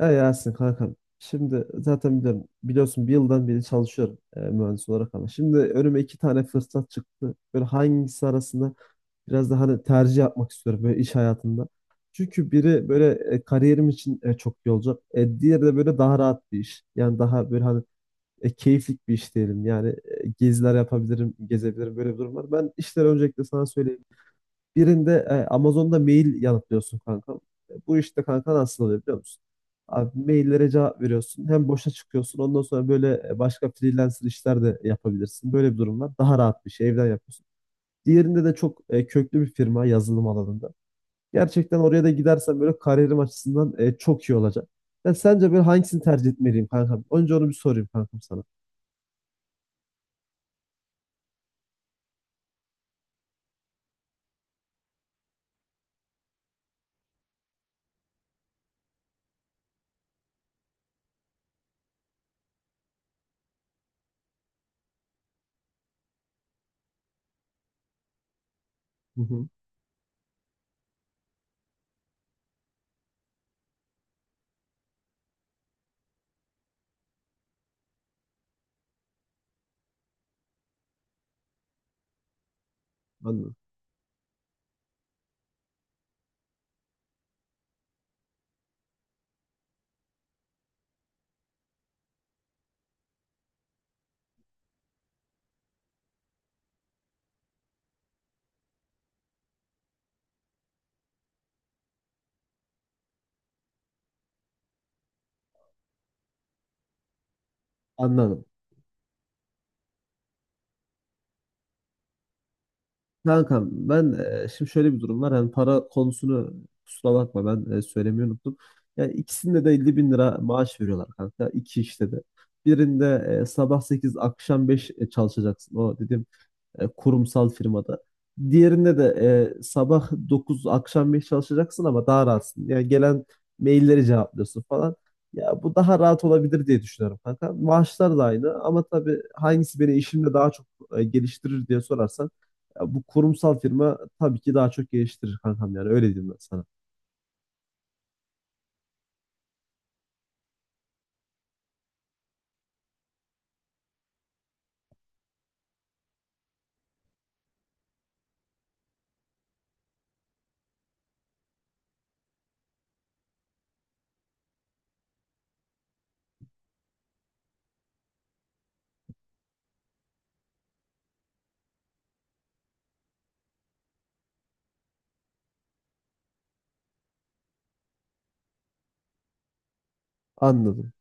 Ya Yasin kankam. Şimdi zaten biliyorum, biliyorsun bir yıldan beri çalışıyorum mühendis olarak ama. Şimdi önüme iki tane fırsat çıktı. Böyle hangisi arasında biraz daha hani tercih yapmak istiyorum böyle iş hayatında. Çünkü biri böyle kariyerim için çok iyi olacak. Diğeri de böyle daha rahat bir iş. Yani daha böyle hani keyiflik bir iş diyelim. Yani, geziler yapabilirim, gezebilirim, böyle bir durum var. Ben işleri öncelikle sana söyleyeyim. Birinde Amazon'da mail yanıtlıyorsun kanka. Bu işte kanka nasıl oluyor biliyor musun? Abi maillere cevap veriyorsun. Hem boşa çıkıyorsun. Ondan sonra böyle başka freelancer işler de yapabilirsin. Böyle bir durum var. Daha rahat bir şey. Evden yapıyorsun. Diğerinde de çok köklü bir firma yazılım alanında. Gerçekten oraya da gidersen böyle kariyerim açısından çok iyi olacak. Ben sence böyle hangisini tercih etmeliyim kankam? Önce onu bir sorayım kankam sana. Hı hı. Anladım. Anladım. Kankam ben, şimdi şöyle bir durum var. Hani para konusunu kusura bakma, ben söylemeyi unuttum. Yani ikisinde de 50 bin lira maaş veriyorlar kanka. İki işte de. Birinde sabah 8, akşam 5 çalışacaksın. O dedim, kurumsal firmada. Diğerinde de sabah 9 akşam 5 çalışacaksın ama daha rahatsın. Yani gelen mailleri cevaplıyorsun falan. Ya bu daha rahat olabilir diye düşünüyorum kanka. Maaşlar da aynı ama tabii hangisi beni işimde daha çok geliştirir diye sorarsan, ya bu kurumsal firma tabii ki daha çok geliştirir kankam, yani öyle diyeyim ben sana. Anladım.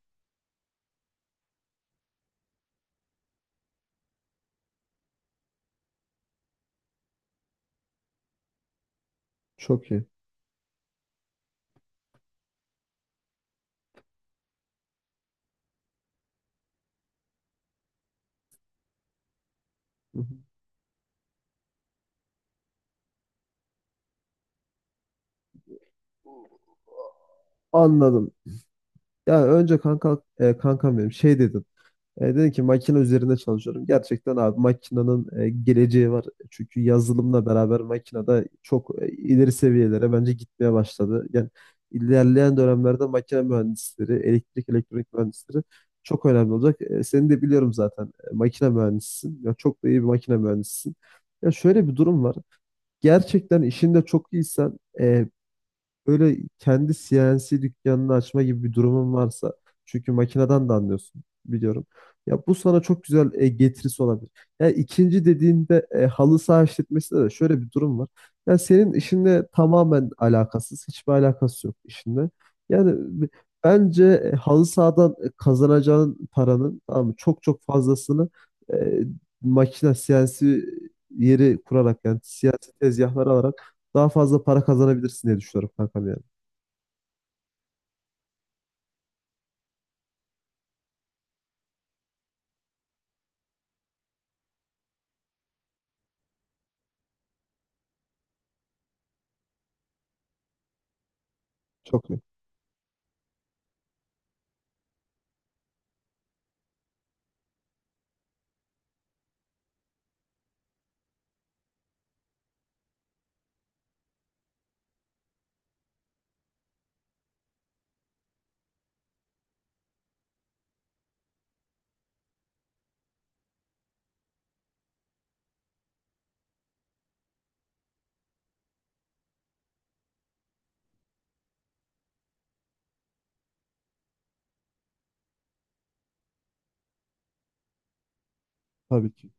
Çok iyi. Hı hı. Anladım. Ya önce kanka, kankam benim şey dedi. Dedim ki makine üzerinde çalışıyorum. Gerçekten abi makinenin geleceği var. Çünkü yazılımla beraber makine de çok ileri seviyelere bence gitmeye başladı. Yani ilerleyen dönemlerde makine mühendisleri, elektrik elektronik mühendisleri çok önemli olacak. Seni de biliyorum zaten, makine mühendisisin. Ya çok da iyi bir makine mühendisisin. Ya şöyle bir durum var. Gerçekten işinde çok iyisen, böyle kendi CNC dükkanını açma gibi bir durumun varsa, çünkü makineden de anlıyorsun biliyorum. Ya bu sana çok güzel getirisi olabilir. Ya ikinci dediğinde halı saha işletmesinde de şöyle bir durum var. Ya senin işinle tamamen alakasız, hiçbir alakası yok işinle. Yani b- bence halı sahadan kazanacağın paranın, tamam mı, çok çok fazlasını e, makine CNC yeri kurarak, yani CNC tezgahları alarak daha fazla para kazanabilirsin diye düşünüyorum kankam yani. Çok net. Tabii ki.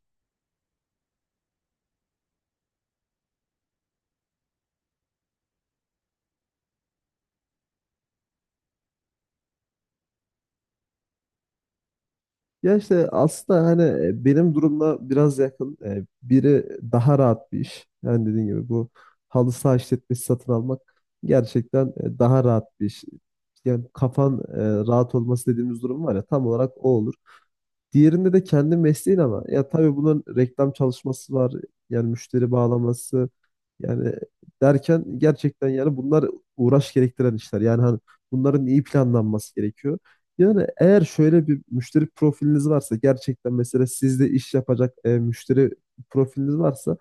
Ya işte aslında hani benim durumla biraz yakın. Biri daha rahat bir iş. Yani dediğim gibi bu halı saha işletmesi satın almak gerçekten daha rahat bir iş. Yani kafan rahat olması dediğimiz durum var ya, tam olarak o olur. Diğerinde de kendi mesleğin ama ya tabii bunun reklam çalışması var. Yani müşteri bağlaması, yani derken gerçekten yani bunlar uğraş gerektiren işler. Yani hani bunların iyi planlanması gerekiyor. Yani eğer şöyle bir müşteri profiliniz varsa, gerçekten mesela sizde iş yapacak müşteri profiliniz varsa,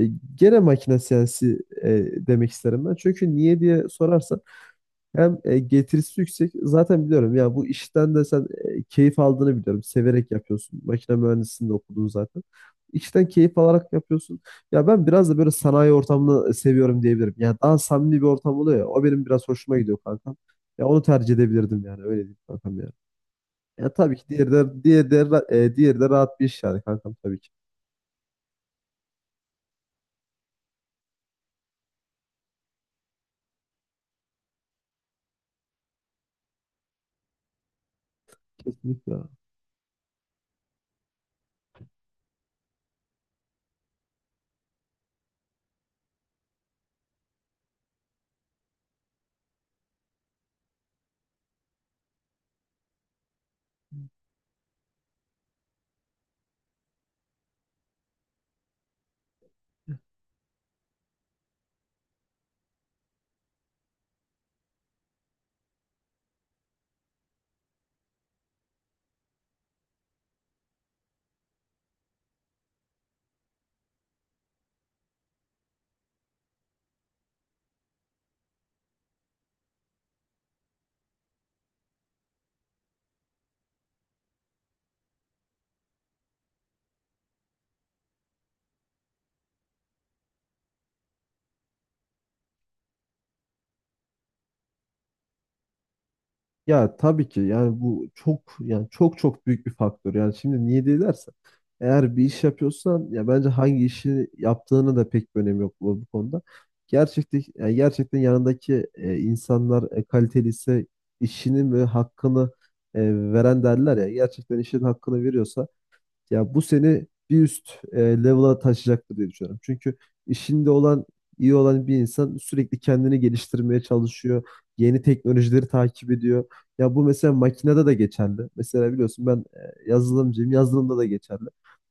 e, gene makine siyasi e, demek isterim ben. Çünkü niye diye sorarsan, hem getirisi yüksek. Zaten biliyorum ya bu işten de sen keyif aldığını biliyorum. Severek yapıyorsun. Makine mühendisliğinde de okudun zaten. İşten keyif alarak yapıyorsun. Ya ben biraz da böyle sanayi ortamını seviyorum diyebilirim. Yani daha samimi bir ortam oluyor ya. O benim biraz hoşuma gidiyor kankam. Ya onu tercih edebilirdim yani. Öyle diyeyim kankam yani. Ya tabii ki diğeri de, diğeri de rahat bir iş yani kankam, tabii ki. Kesinlikle. Ya tabii ki yani bu çok, yani çok çok büyük bir faktör. Yani şimdi niye diye dersen, eğer bir iş yapıyorsan ya bence hangi işi yaptığını da pek bir önemi yok bu konuda. Gerçekten yani gerçekten yanındaki insanlar kaliteli ise, işinin ve hakkını e, veren derler ya, gerçekten işin hakkını veriyorsa ya bu seni bir üst level'a taşıyacaktır diye düşünüyorum. Çünkü işinde olan, iyi olan bir insan sürekli kendini geliştirmeye çalışıyor. Yeni teknolojileri takip ediyor. Ya bu mesela makinede de geçerli. Mesela biliyorsun ben yazılımcıyım. Yazılımda da geçerli.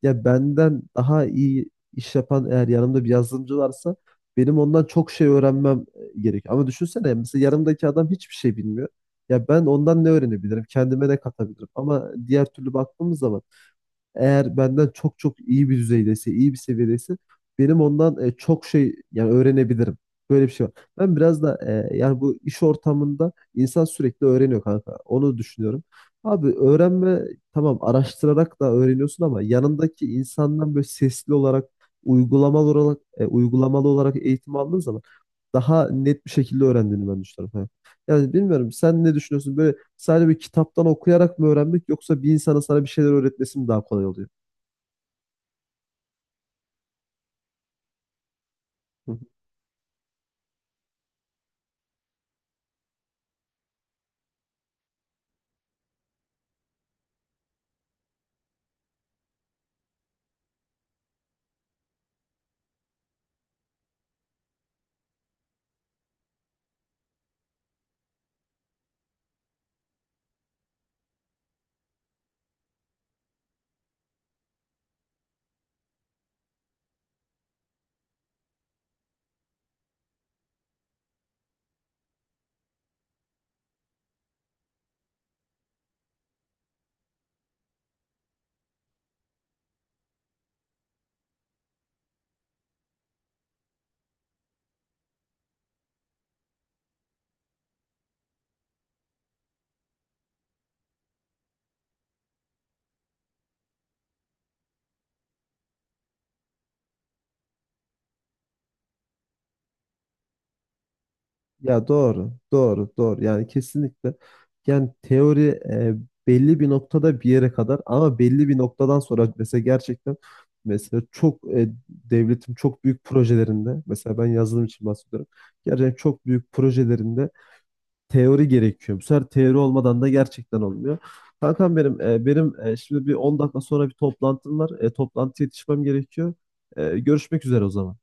Ya benden daha iyi iş yapan, eğer yanımda bir yazılımcı varsa, benim ondan çok şey öğrenmem gerekiyor. Ama düşünsene, mesela yanımdaki adam hiçbir şey bilmiyor. Ya ben ondan ne öğrenebilirim? Kendime ne katabilirim? Ama diğer türlü baktığımız zaman, eğer benden çok çok iyi bir düzeydeyse, iyi bir seviyedeyse, benim ondan çok şey yani öğrenebilirim. Böyle bir şey var. Ben biraz da yani bu iş ortamında insan sürekli öğreniyor kanka. Onu düşünüyorum. Abi öğrenme, tamam, araştırarak da öğreniyorsun ama yanındaki insandan böyle sesli olarak, uygulamalı olarak eğitim aldığın zaman daha net bir şekilde öğrendiğini ben düşünüyorum. Yani bilmiyorum, sen ne düşünüyorsun? Böyle sadece bir kitaptan okuyarak mı öğrenmek, yoksa bir insana sana bir şeyler öğretmesi mi daha kolay oluyor? Hı hı. Ya doğru, doğru, doğru. Yani kesinlikle. Yani teori belli bir noktada bir yere kadar, ama belli bir noktadan sonra mesela gerçekten, mesela çok devletin çok büyük projelerinde, mesela ben yazılım için bahsediyorum. Gerçekten çok büyük projelerinde teori gerekiyor. Bu sefer teori olmadan da gerçekten olmuyor. Kankam benim, benim şimdi bir 10 dakika sonra bir toplantım var. Toplantıya yetişmem gerekiyor. Görüşmek üzere o zaman.